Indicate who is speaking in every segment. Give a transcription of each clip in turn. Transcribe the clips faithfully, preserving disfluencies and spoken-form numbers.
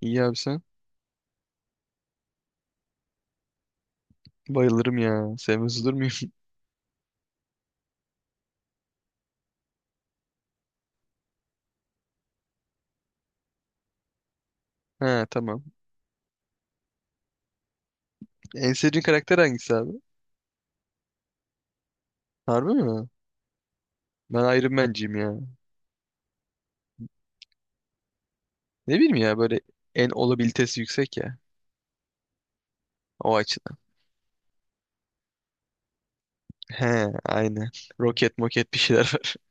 Speaker 1: İyi abi sen. Bayılırım ya. Sevmez olur muyum? He tamam. En sevdiğin karakter hangisi abi? Harbi mi? Ben Iron Man'ciyim ya. Ne bileyim ya böyle en olabilitesi yüksek ya. O açıdan. He aynen. Roket moket bir şeyler var.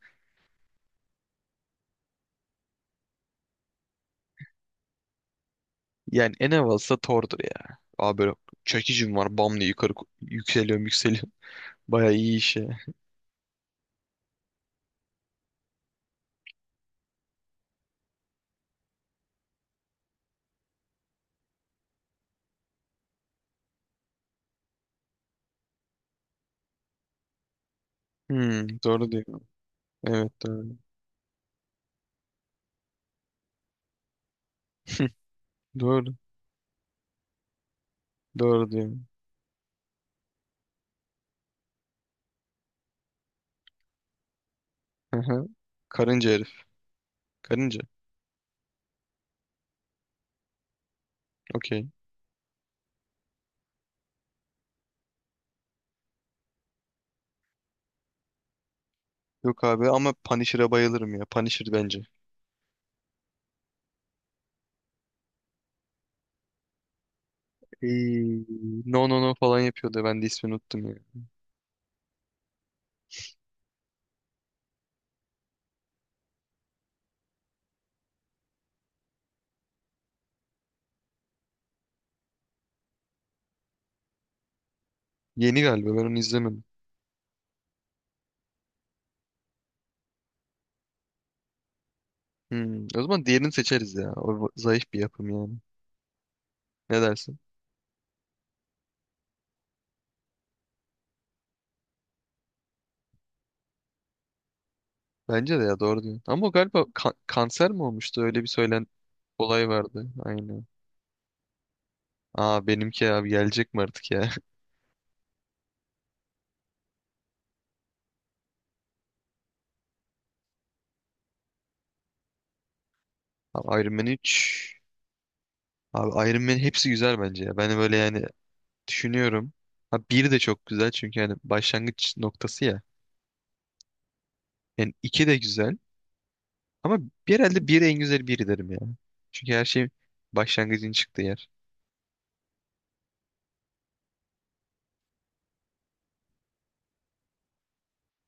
Speaker 1: Yani en havalısı da Thor'dur ya. Abi böyle çekicim var. Bam diye yukarı ko- yükseliyorum yükseliyorum. Baya iyi iş ya. Hmm, doğru diyor. Evet doğru. Doğru. Doğru diyor. Hı hı. Karınca herif. Karınca. Okey. Yok abi ama Punisher'a bayılırım ya. Punisher bence. Ee, no no no falan yapıyordu. Ben de ismini unuttum ya. Yeni galiba ben onu izlemedim. Hmm, o zaman diğerini seçeriz ya. O va- zayıf bir yapım yani. Ne dersin? Bence de ya doğru diyorsun. Ama o galiba ka- kanser mi olmuştu? Öyle bir söylen olay vardı. Aynen. Aa benimki abi gelecek mi artık ya? Abi Iron Man üç. Abi Iron Man hepsi güzel bence ya. Ben böyle yani düşünüyorum. Ha bir de çok güzel çünkü yani başlangıç noktası ya. Yani iki de güzel. Ama bir- herhalde biri en güzel biri derim ya. Çünkü her şey başlangıcın çıktığı yer.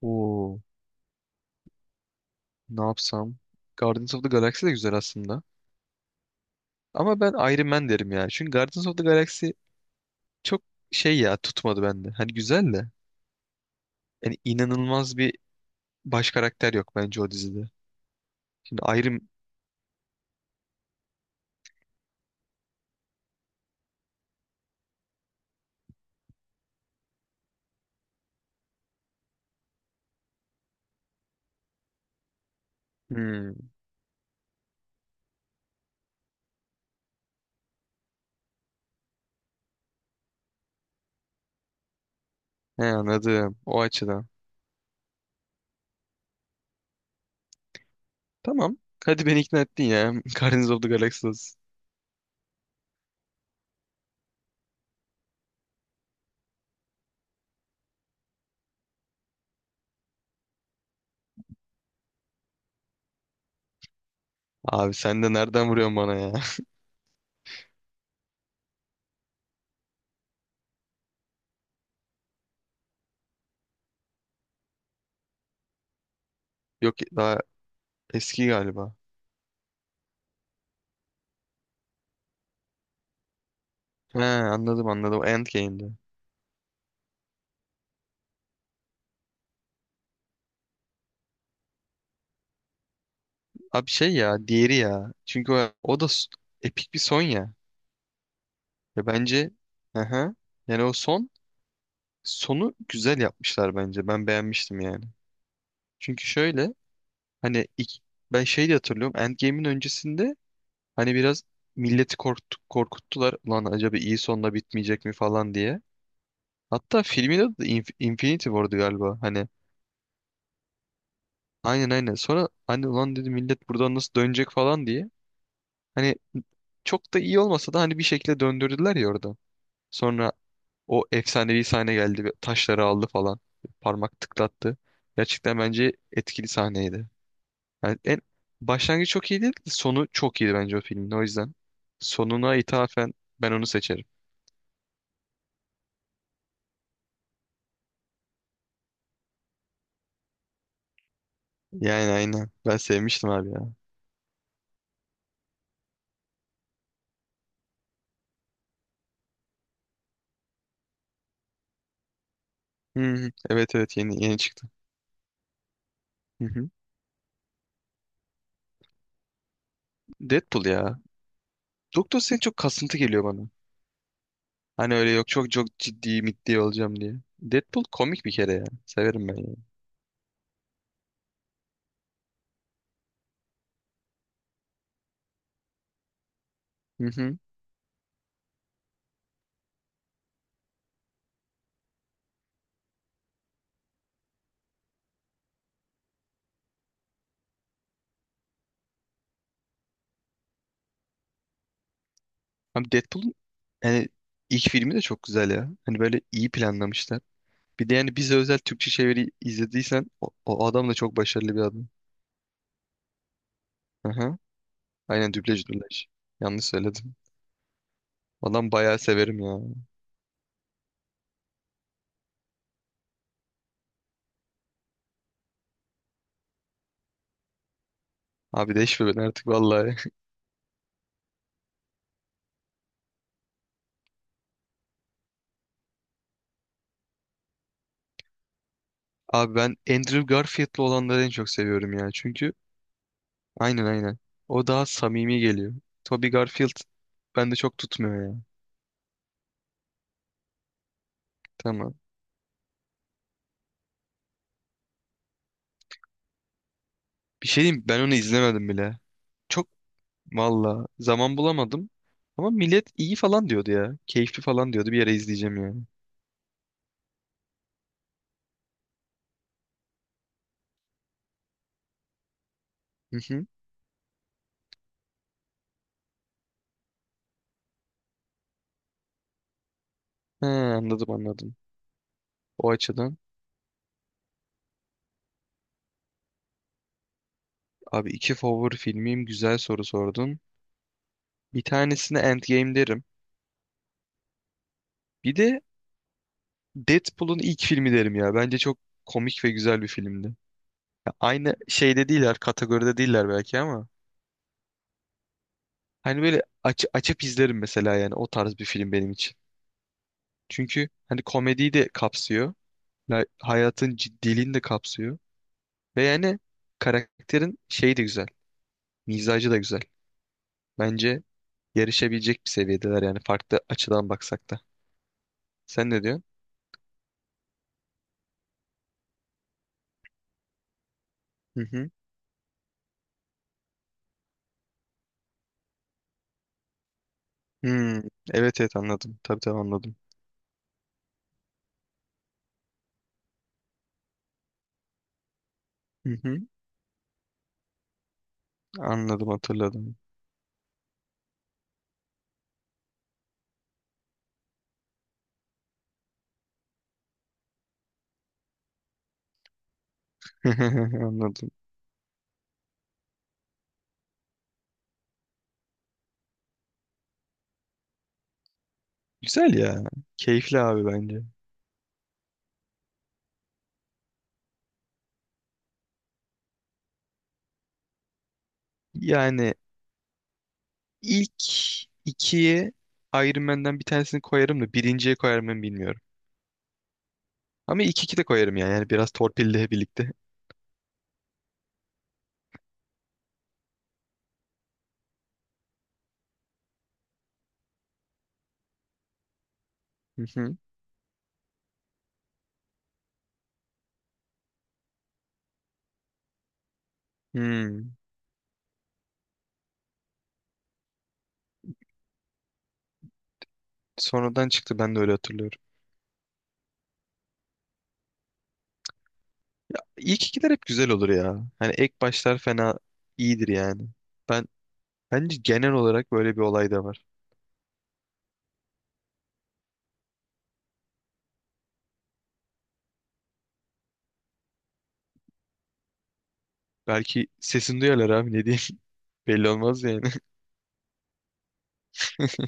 Speaker 1: Oo, ne yapsam? Guardians of the Galaxy de güzel aslında. Ama ben Iron Man derim ya. Çünkü Guardians of the Galaxy çok şey ya, tutmadı bende. Hani güzel de. Yani inanılmaz bir baş karakter yok bence o dizide. Şimdi Iron... Hmm, he anladım. O açıdan. Tamam. Hadi beni ikna ettin ya. Guardians of the Galaxy olsun. Abi sen de nereden vuruyorsun bana ya? Yok daha eski galiba. He, anladım anladım. Endgame'de. Abi şey ya, diğeri ya. Çünkü o, o da s- epik bir son ya. Ya bence, aha, yani o son, sonu güzel yapmışlar bence. Ben beğenmiştim yani. Çünkü şöyle, hani ilk, ben şey de hatırlıyorum. Endgame'in öncesinde hani biraz milleti korktu, korkuttular. Ulan acaba iyi sonla bitmeyecek mi falan diye. Hatta filmin adı da Inf- Infinity War'du galiba. Hani aynen aynen. Sonra hani ulan dedi millet, buradan nasıl dönecek falan diye. Hani çok da iyi olmasa da hani bir şekilde döndürdüler ya orada. Sonra o efsanevi sahne geldi ve taşları aldı falan. Parmak tıklattı. Gerçekten bence etkili sahneydi. Yani en başlangıcı çok iyi değil, sonu çok iyiydi bence o filmin. O yüzden sonuna ithafen ben onu seçerim. Yani aynen. Ben sevmiştim abi ya. Hı hı. Evet evet yeni yeni çıktı. Hı hı. Deadpool ya. Doktor Strange çok kasıntı geliyor bana. Hani öyle, yok çok çok ciddi mitli olacağım diye. Deadpool komik bir kere ya. Severim ben ya. Abi Deadpool'un yani ilk filmi de çok güzel ya. Hani böyle iyi planlamışlar. Bir de yani bize özel Türkçe çeviri izlediysen, o, o adam da çok başarılı bir adam. Aha. Aynen, dublaj dublaj. Yanlış söyledim. Adam bayağı severim ya. Abi değişme ben artık vallahi. Abi ben Andrew Garfield'lı olanları en çok seviyorum ya. Çünkü aynen aynen. O daha samimi geliyor. Tobey Garfield bende çok tutmuyor ya. Tamam. Bir şey diyeyim mi? Ben onu izlemedim bile. Çok, valla zaman bulamadım. Ama millet iyi falan diyordu ya. Keyifli falan diyordu. Bir yere izleyeceğim yani. Hı hı. He, anladım anladım. O açıdan. Abi iki favori filmim, güzel soru sordun. Bir tanesine Endgame derim. Bir de Deadpool'un ilk filmi derim ya. Bence çok komik ve güzel bir filmdi. Ya aynı şeyde değiller, kategoride değiller belki ama. Hani böyle aç- açıp izlerim mesela, yani o tarz bir film benim için. Çünkü hani komediyi de kapsıyor. Ya hayatın ciddiliğini de kapsıyor. Ve yani karakterin şeyi de güzel. Mizacı da güzel. Bence yarışabilecek bir seviyedeler yani, farklı açıdan baksak da. Sen ne diyorsun? Hı hı. Hmm, evet evet anladım. Tabii tabii anladım. Hı hı. Anladım, hatırladım. Anladım. Güzel ya. Keyifli abi bence. Yani ilk ikiye Iron Man'den bir tanesini koyarım da birinciye koyar mıyım bilmiyorum. Ama ilk iki de koyarım yani. Yani biraz torpille birlikte. Hı hı. Hmm. Sonradan çıktı, ben de öyle hatırlıyorum. İlk ikiler hep güzel olur ya. Hani ek başlar fena iyidir yani. Ben bence genel olarak böyle bir olay da var. Belki sesini duyarlar abi, ne diyeyim. Belli olmaz yani.